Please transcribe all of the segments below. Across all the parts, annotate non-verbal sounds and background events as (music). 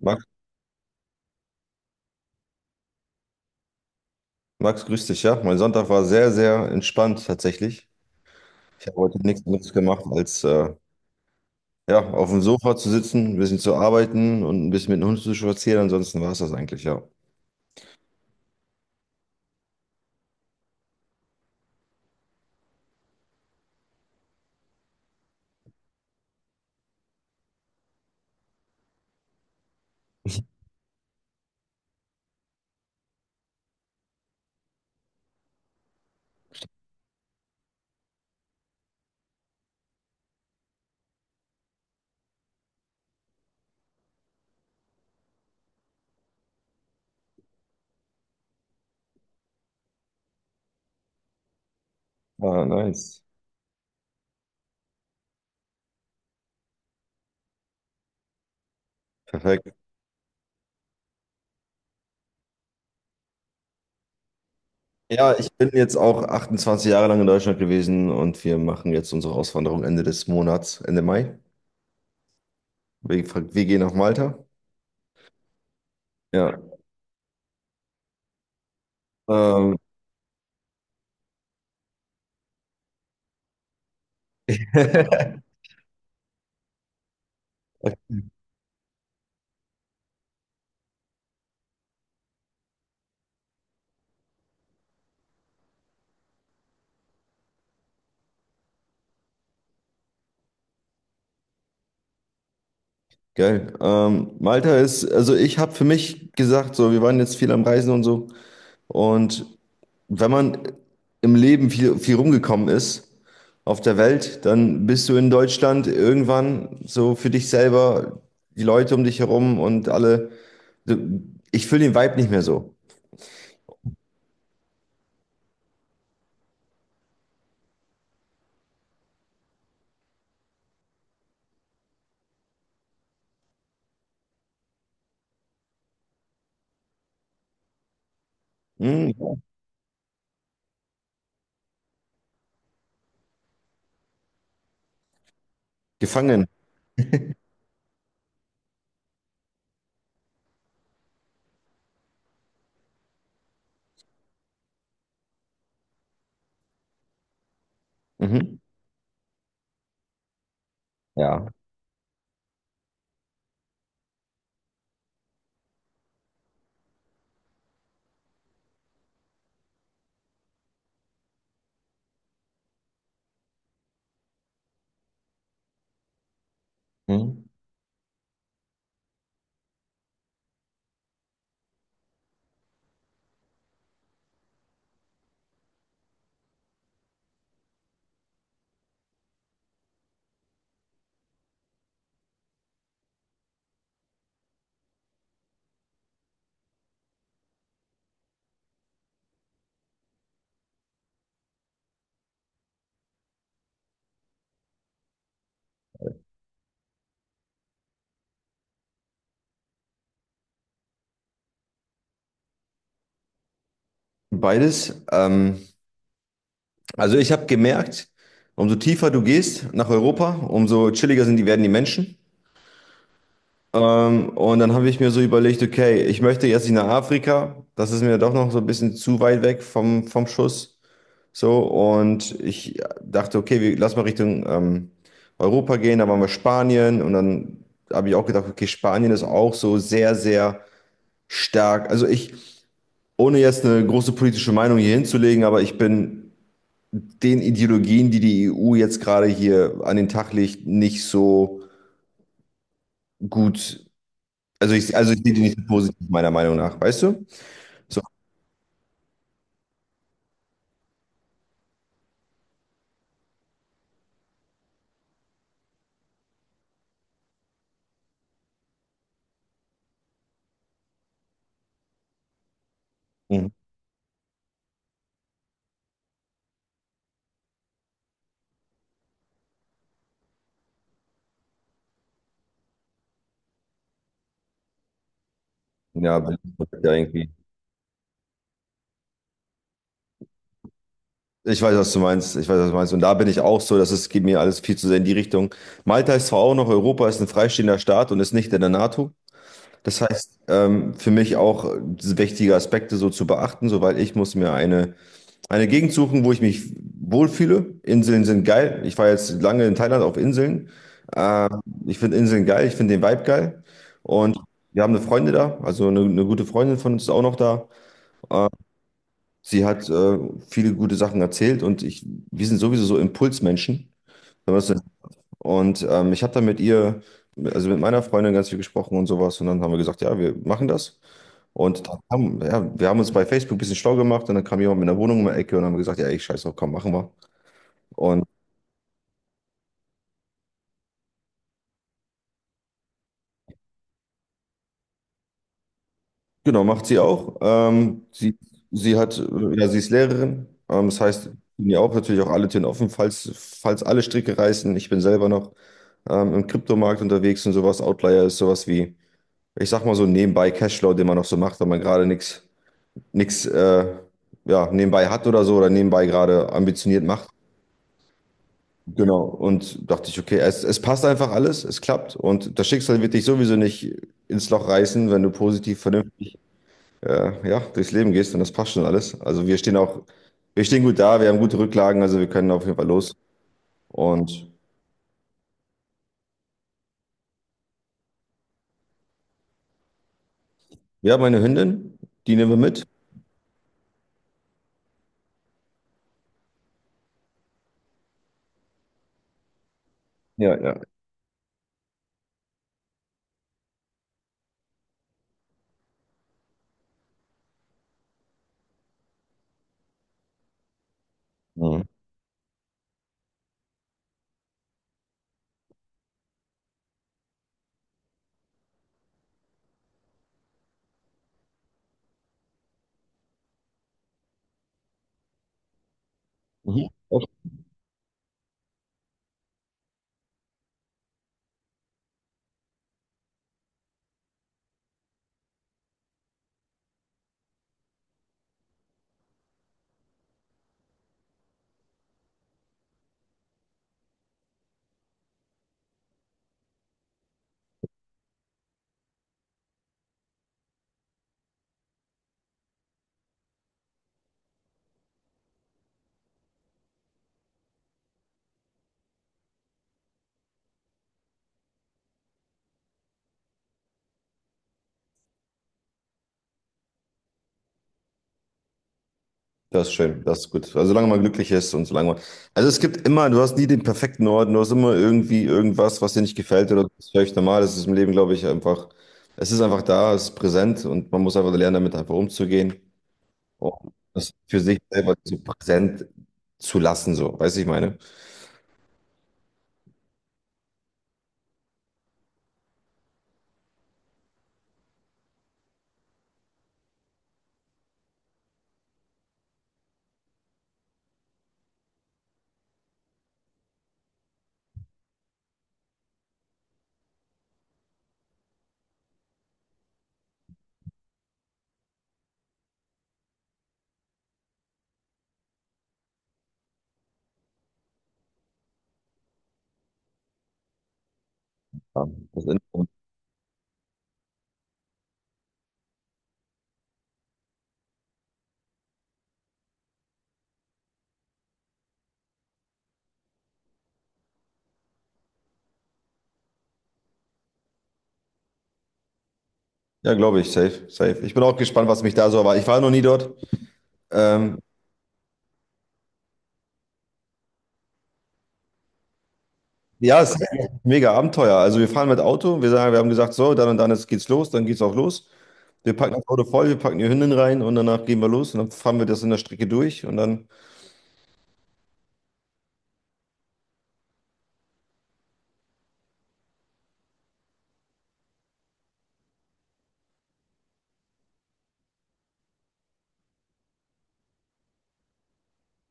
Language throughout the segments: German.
Max, Max, grüß dich, ja. Mein Sonntag war sehr, sehr entspannt tatsächlich. Ich habe heute nichts anderes gemacht, als ja, auf dem Sofa zu sitzen, ein bisschen zu arbeiten und ein bisschen mit dem Hund zu spazieren. Ansonsten war es das eigentlich, ja. Ah, nice. Perfekt. Ja, ich bin jetzt auch 28 Jahre lang in Deutschland gewesen und wir machen jetzt unsere Auswanderung Ende des Monats, Ende Mai. Wir, wir gehen nach Malta. Ja. Ähm, (laughs) Geil. Malta ist, also ich habe für mich gesagt, so, wir waren jetzt viel am Reisen und so. Und wenn man im Leben viel, viel rumgekommen ist auf der Welt, dann bist du in Deutschland irgendwann so für dich selber, die Leute um dich herum und alle. Du- Ich fühle den Vibe nicht mehr so. Hm, gefangen. Mhm. Ja. Mhm. Beides. Also ich habe gemerkt, umso tiefer du gehst nach Europa, umso chilliger sind die, werden die Menschen. Und dann habe ich mir so überlegt, okay, ich möchte jetzt nicht nach Afrika. Das ist mir doch noch so ein bisschen zu weit weg vom Schuss. So, und ich dachte, okay, wir, lass mal Richtung Europa gehen. Da waren wir Spanien. Und dann habe ich auch gedacht, okay, Spanien ist auch so sehr, sehr stark. Ohne jetzt eine große politische Meinung hier hinzulegen, aber ich bin den Ideologien, die die EU jetzt gerade hier an den Tag legt, nicht so gut. Also ich sehe die nicht so positiv, meiner Meinung nach, weißt du? So, hm, ja, bin ich ja irgendwie. Ich weiß, was du meinst. Ich weiß, was du meinst. Und da bin ich auch so, dass es geht mir alles viel zu sehr in die Richtung. Malta ist zwar auch noch Europa, ist ein freistehender Staat und ist nicht in der NATO. Das heißt, für mich auch wichtige Aspekte so zu beachten, soweit ich muss mir eine Gegend suchen, wo ich mich wohlfühle. Inseln sind geil. Ich war jetzt lange in Thailand auf Inseln. Äh, Ich finde Inseln geil, ich finde den Vibe geil. Und wir haben eine Freundin da, also eine gute Freundin von uns ist auch noch da. Äh, Sie hat viele gute Sachen erzählt und wir sind sowieso so Impulsmenschen. Wenn man das so- nennt. Und ich habe da mit ihr, also mit meiner Freundin ganz viel gesprochen und sowas. Und dann haben wir gesagt, ja, wir machen das. Und dann haben, ja, wir haben uns bei Facebook ein bisschen schlau gemacht und dann kam jemand mit einer Wohnung um die Ecke und haben gesagt, ja, ich scheiße, komm, machen wir. Und genau, macht sie auch. Sie hat, ja, sie ist Lehrerin. Das heißt, bin ja auch natürlich auch alle Türen offen, falls alle Stricke reißen. Ich bin selber noch im Kryptomarkt unterwegs und sowas. Outlier ist sowas wie, ich sag mal so nebenbei Cashflow, den man noch so macht, wenn man gerade nichts ja, nebenbei hat oder so oder nebenbei gerade ambitioniert macht. Genau. Und dachte ich, okay, es passt einfach alles, es klappt und das Schicksal wird dich sowieso nicht ins Loch reißen, wenn du positiv, vernünftig ja, durchs Leben gehst und das passt schon alles. Also wir stehen gut da, wir haben gute Rücklagen, also wir können auf jeden Fall los. Und ja, meine Hündin, die nehmen wir mit. Ja, ja. Mhm. Mhm. Das ist schön, das ist gut. Also solange man glücklich ist und solange man. Also es gibt immer, du hast nie den perfekten Ort, du hast immer irgendwie irgendwas, was dir nicht gefällt oder das ist völlig normal. Das ist im Leben, glaube ich, einfach, es ist einfach da, es ist präsent und man muss einfach lernen, damit einfach umzugehen und das für sich selber so präsent zu lassen, so, weißt du, ich meine. Ja, das Intro. Ja, glaube ich, safe, safe. Ich bin auch gespannt, was mich da so erwartet. Ich war noch nie dort. Ähm, ja, es ist mega Abenteuer. Also wir fahren mit Auto, wir sagen, wir haben gesagt, so, dann und dann geht's los, dann geht's auch los. Wir packen das Auto voll, wir packen die Hündin rein und danach gehen wir los und dann fahren wir das in der Strecke durch und dann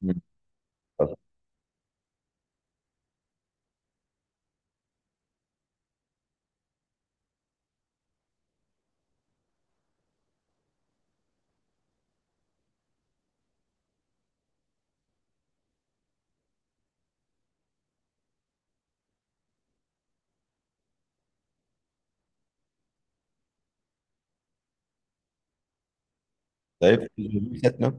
Mhm. Safe, ne?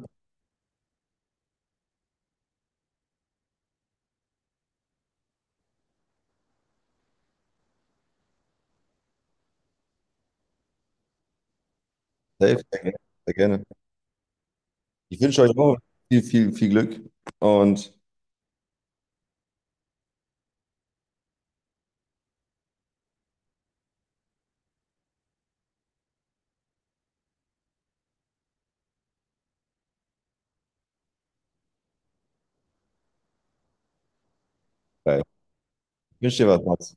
Safe, sehr gerne. Sehr gerne. Ich wünsche euch auch viel, viel, viel Glück und ja, ich wünsche dir was.